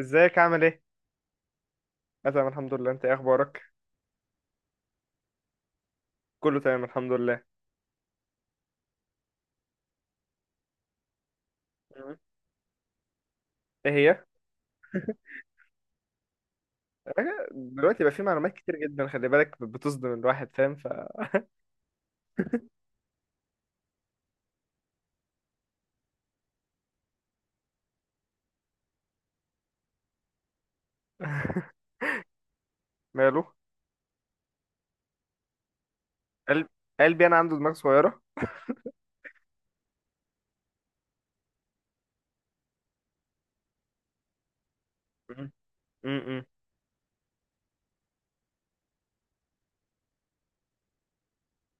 ازيك عامل ايه؟ انا تمام الحمد لله، انت ايه اخبارك؟ كله تمام الحمد لله. مم. ايه هي؟ آه، دلوقتي بقى في معلومات كتير جدا، خلي بالك بتصدم الواحد، فاهم ماله؟ قلب قلبي انا عنده دماغ صغيرة؟ مم. مم.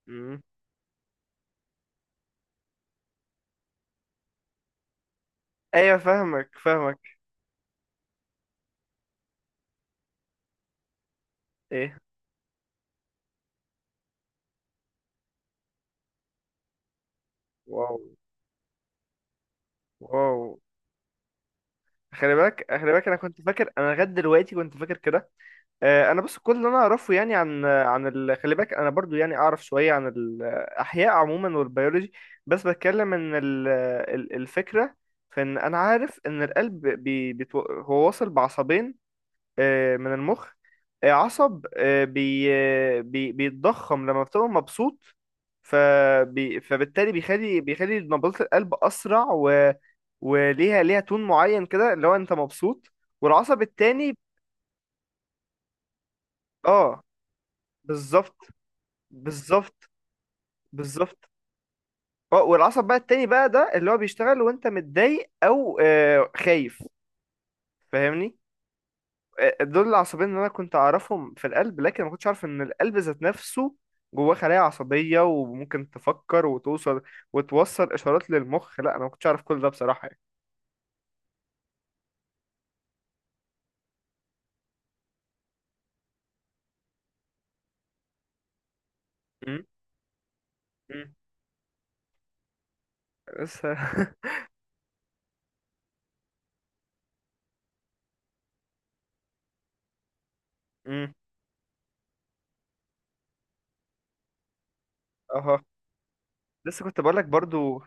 مم. ايوه، فاهمك فاهمك. ايه؟ واو. واو. خلي بالك خلي بالك، انا كنت فاكر، انا لغايه دلوقتي كنت فاكر كده. آه، انا بس كل اللي انا اعرفه يعني عن خلي بالك انا برضو يعني اعرف شويه عن الاحياء عموما والبيولوجي. بس بتكلم ان الفكره في ان انا عارف ان القلب هو واصل بعصبين آه، من المخ. آه، عصب، بيتضخم لما بتبقى مبسوط. فبالتالي بيخلي نبضات القلب اسرع وليها تون معين كده اللي هو انت مبسوط. والعصب التاني. اه، بالظبط، بالظبط، بالظبط. اه، والعصب بقى التاني بقى ده اللي هو بيشتغل وانت متضايق او آه خايف، فاهمني. آه، دول العصبين اللي انا كنت اعرفهم في القلب، لكن ما كنتش عارف ان القلب ذات نفسه جواه خلايا عصبية وممكن تفكر وتوصل، وتوصل اشارات للمخ. لا، انا ما كنتش عارف كل ده بصراحة يعني. م- م. لسه م. اها. لسه كنت بقول لك برضو.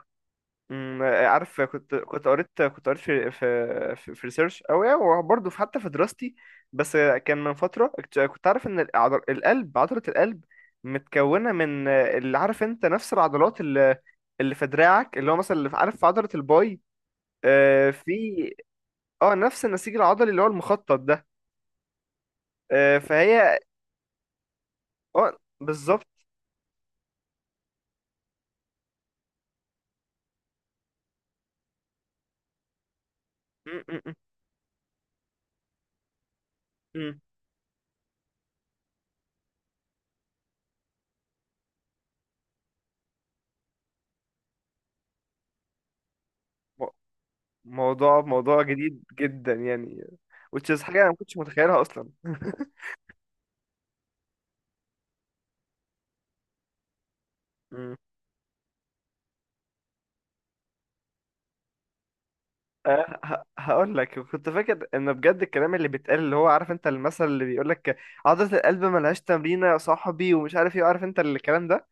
عارف، كنت قريت في ريسيرش، او يعني وبرضه في حتى في دراستي. بس كان من فتره كنت عارف ان العضل القلب عضله القلب متكونه من آه، اللي عارف انت نفس العضلات اللي، اللي في دراعك، اللي هو مثلا اللي عارف، في عضله الباي. آه، في. اه، نفس النسيج العضلي اللي هو المخطط ده. آه، فهي. اه، بالظبط. أمم، أمم، أمم. مو- موضوع، موضوع جديد جدا يعني which is حاجه انا ما كنتش متخيلها اصلا. أه، هقول لك. كنت فاكر ان بجد الكلام اللي بيتقال اللي هو عارف انت المثل اللي بيقول لك عضلة القلب ملهاش تمرين يا صاحبي، ومش عارف ايه، عارف انت الكلام ده.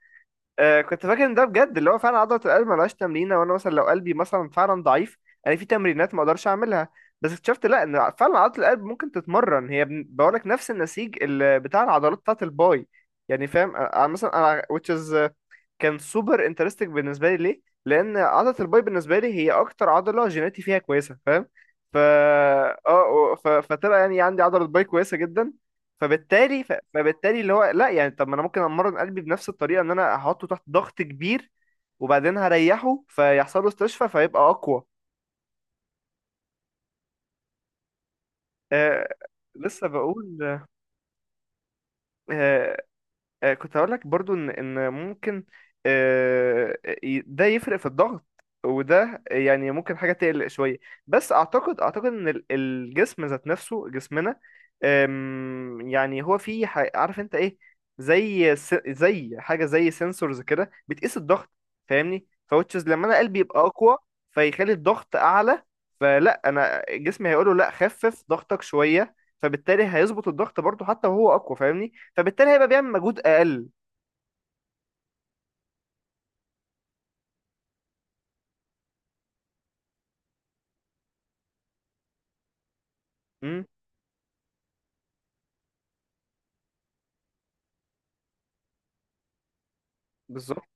أه كنت فاكر ان ده بجد اللي هو فعلا عضلة القلب ملهاش تمرين، وانا مثلا لو قلبي مثلا فعلا ضعيف انا في تمرينات ما اقدرش اعملها. بس اكتشفت لا، ان فعلا عضلة القلب ممكن تتمرن، هي بقول لك نفس النسيج اللي بتاع العضلات بتاعة الباي، يعني فاهم. أه، أه، مثلا انا which is كان سوبر انترستنج بالنسبه لي، ليه؟ لان عضله الباي بالنسبه لي هي اكتر عضله جيناتي فيها كويسه، فاهم. فتبقى يعني عندي عضله باي كويسه جدا. فبالتالي، فبالتالي اللي هو لا يعني، طب ما انا ممكن امرن قلبي بنفس الطريقه ان انا احطه تحت ضغط كبير وبعدين هريحه فيحصل له استشفاء فيبقى اقوى. آه... لسه بقول. آه، كنت هقول لك برضو ان ممكن آه، ده يفرق في الضغط، وده يعني ممكن حاجة تقلق شوية. بس اعتقد، ان الجسم ذات نفسه جسمنا، يعني هو في عارف انت ايه، زي زي حاجة زي سنسورز كده بتقيس الضغط، فاهمني، فوتشز لما انا قلبي يبقى اقوى فيخلي الضغط اعلى، فلا انا جسمي هيقوله لا، خفف ضغطك شوية، فبالتالي هيظبط الضغط برضو حتى وهو اقوى، فاهمني، فبالتالي هيبقى بيعمل مجهود اقل. امم. بالظبط.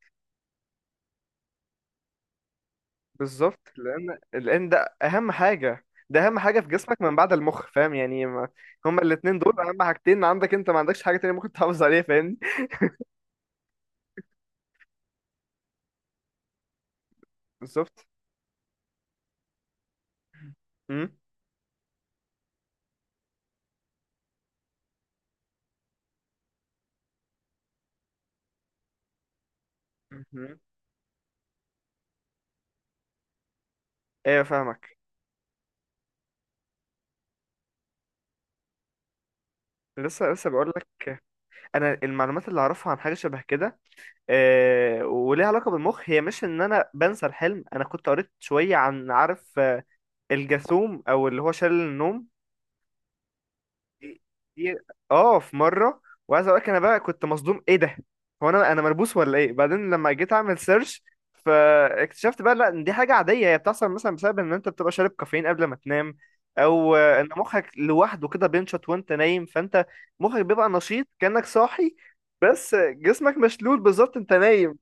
بالظبط. لان، لان ده اهم حاجه، ده اهم حاجه في جسمك من بعد المخ، فاهم يعني ما هما الاتنين دول اهم حاجتين عندك، انت ما عندكش حاجه تانية ممكن تحافظ عليها، فاهمني. بالظبط. امم. أمم. ايوه فاهمك. لسه، لسه بقول لك. انا المعلومات اللي اعرفها عن حاجه شبه كده، آه، وليها علاقه بالمخ، هي مش ان انا بنسى الحلم، انا كنت قريت شويه عن، عارف، آه، الجاثوم او اللي هو شلل النوم. دي- دي- اه، في مره. وعايز اقول لك انا بقى كنت مصدوم، ايه ده، هو انا مربوس ولا ايه، بعدين لما جيت اعمل سيرش فاكتشفت بقى لا، إن دي حاجه عاديه، هي بتحصل مثلا بسبب ان انت بتبقى شارب كافيين قبل ما تنام، او آه، ان مخك لوحده كده بينشط وانت نايم، فانت مخك بيبقى نشيط كانك صاحي. بس جسمك مشلول، بالظبط. انت نايم.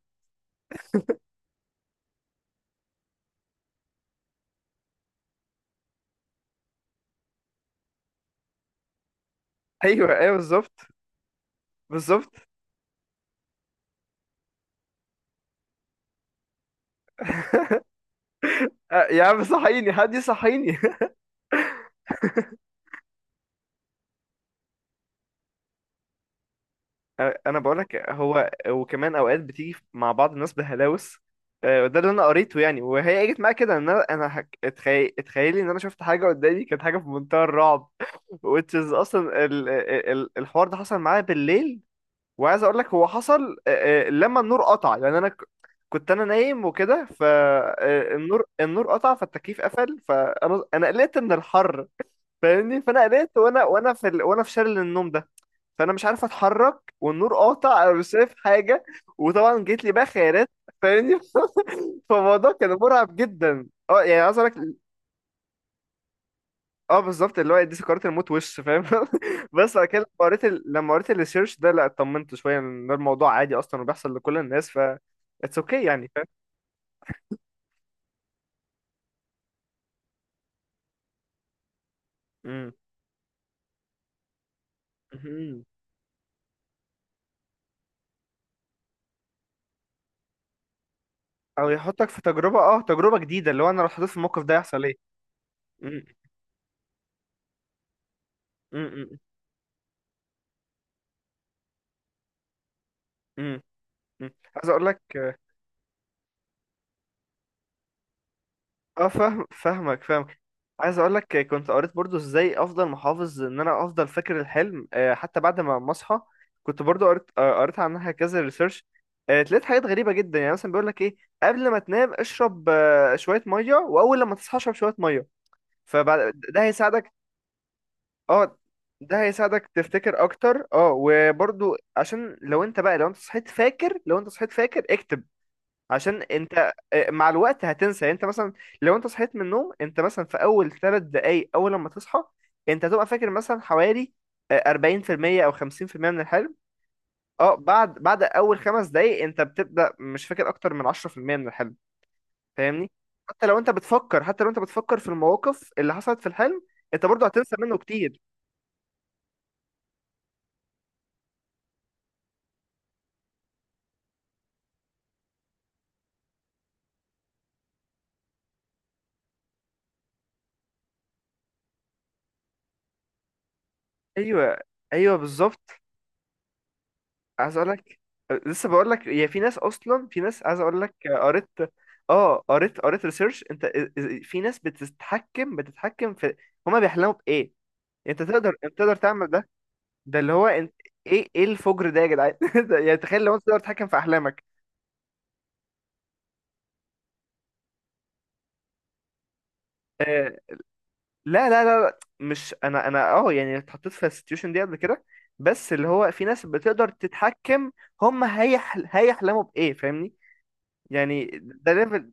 ايوه، ايوه، بالظبط. بالظبط. آه، يا عم صحيني، حد يصحيني. انا بقولك هو وكمان اوقات بتيجي مع بعض الناس بهلاوس. آه، ده اللي انا قريته يعني، وهي جت معايا كده، ان انا اتخيل اتخيلي ان انا شفت حاجه قدامي كانت حاجه في منتهى الرعب. which is اصلا الحوار ده حصل معايا بالليل. وعايز اقول لك هو حصل آه، آه، لما النور قطع، لان انا كنت انا نايم وكده، فالنور قطع، فالتكييف قفل، فانا قلقت من الحر، فاهمني، فانا قلقت وانا في وانا في شلل النوم ده، فانا مش عارف اتحرك والنور قاطع، انا مش شايف حاجه. وطبعا جيت لي بقى خيارات، فاهمني. فالموضوع كان مرعب جدا اه، يعني عايز اقول لك. اه، بالظبط، اللي هو دي سكرات الموت وش، فاهم. بس بعد كده لما قريت لما قريت الريسيرش ده لا، اطمنت شويه ان ده الموضوع عادي اصلا وبيحصل لكل الناس، ف اتس اوكي يعني، فاهم. مم. مهم. او يحطك في تجربه، اه، تجربه جديده، اللي هو انا لو اتحطيت في الموقف ده يحصل ايه. مم. مم. مم. مم. عايز اقول لك. اه، فاهم، فاهمك فاهمك. عايز اقول لك كنت قريت برضو ازاي افضل محافظ ان انا افضل فاكر الحلم آه، حتى بعد ما اصحى. كنت برضو قريت آه، قريت عنها كذا ريسيرش. لقيت حاجات غريبه جدا، يعني مثلا بيقول لك ايه، قبل ما تنام اشرب آه، شويه ميه، واول لما تصحى اشرب شويه ميه، فبعد ده هيساعدك. اه، ده هيساعدك تفتكر اكتر، اه وبرضو عشان لو انت بقى، لو انت صحيت فاكر، لو انت صحيت فاكر اكتب، عشان انت آه، مع الوقت هتنسى. يعني انت مثلا لو انت صحيت من النوم انت مثلا في اول 3 دقايق اول لما تصحى انت هتبقى فاكر مثلا حوالي آه، 40% او 50% من الحلم. اه، بعد اول 5 دقايق انت بتبدأ مش فاكر اكتر من 10% من الحلم، فاهمني. حتى لو انت بتفكر، حتى لو انت بتفكر في المواقف اللي حصلت في الحلم، انت برضه هتنسى منه كتير. ايوه، ايوه، بالظبط. عايز اقول لك. لسه بقول لك. هي في ناس اصلا، في ناس، عايز اقول لك، قريت، اه، قريت ريسيرش انت آه، آه، في ناس بتتحكم، في هما بيحلموا بايه، انت تقدر، تعمل ده. ده اللي هو انت، ايه، ايه الفجر ده يا جدعان. ده يعني تخيل لو انت تقدر تتحكم في احلامك. آه، لا لا لا لا، مش انا، انا، اه، يعني اتحطيت في السيتويشن دي قبل كده. بس اللي هو في ناس بتقدر تتحكم هما هيحلموا بايه، فاهمني. يعني ده ليفل.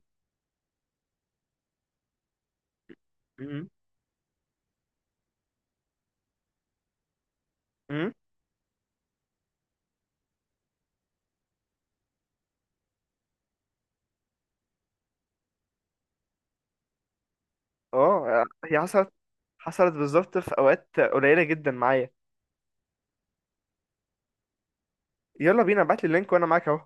اه، هي حصلت، حصلت بالظبط في اوقات قليله جدا معايا. يلا بينا، ابعت لي اللينك وانا معاك اهو.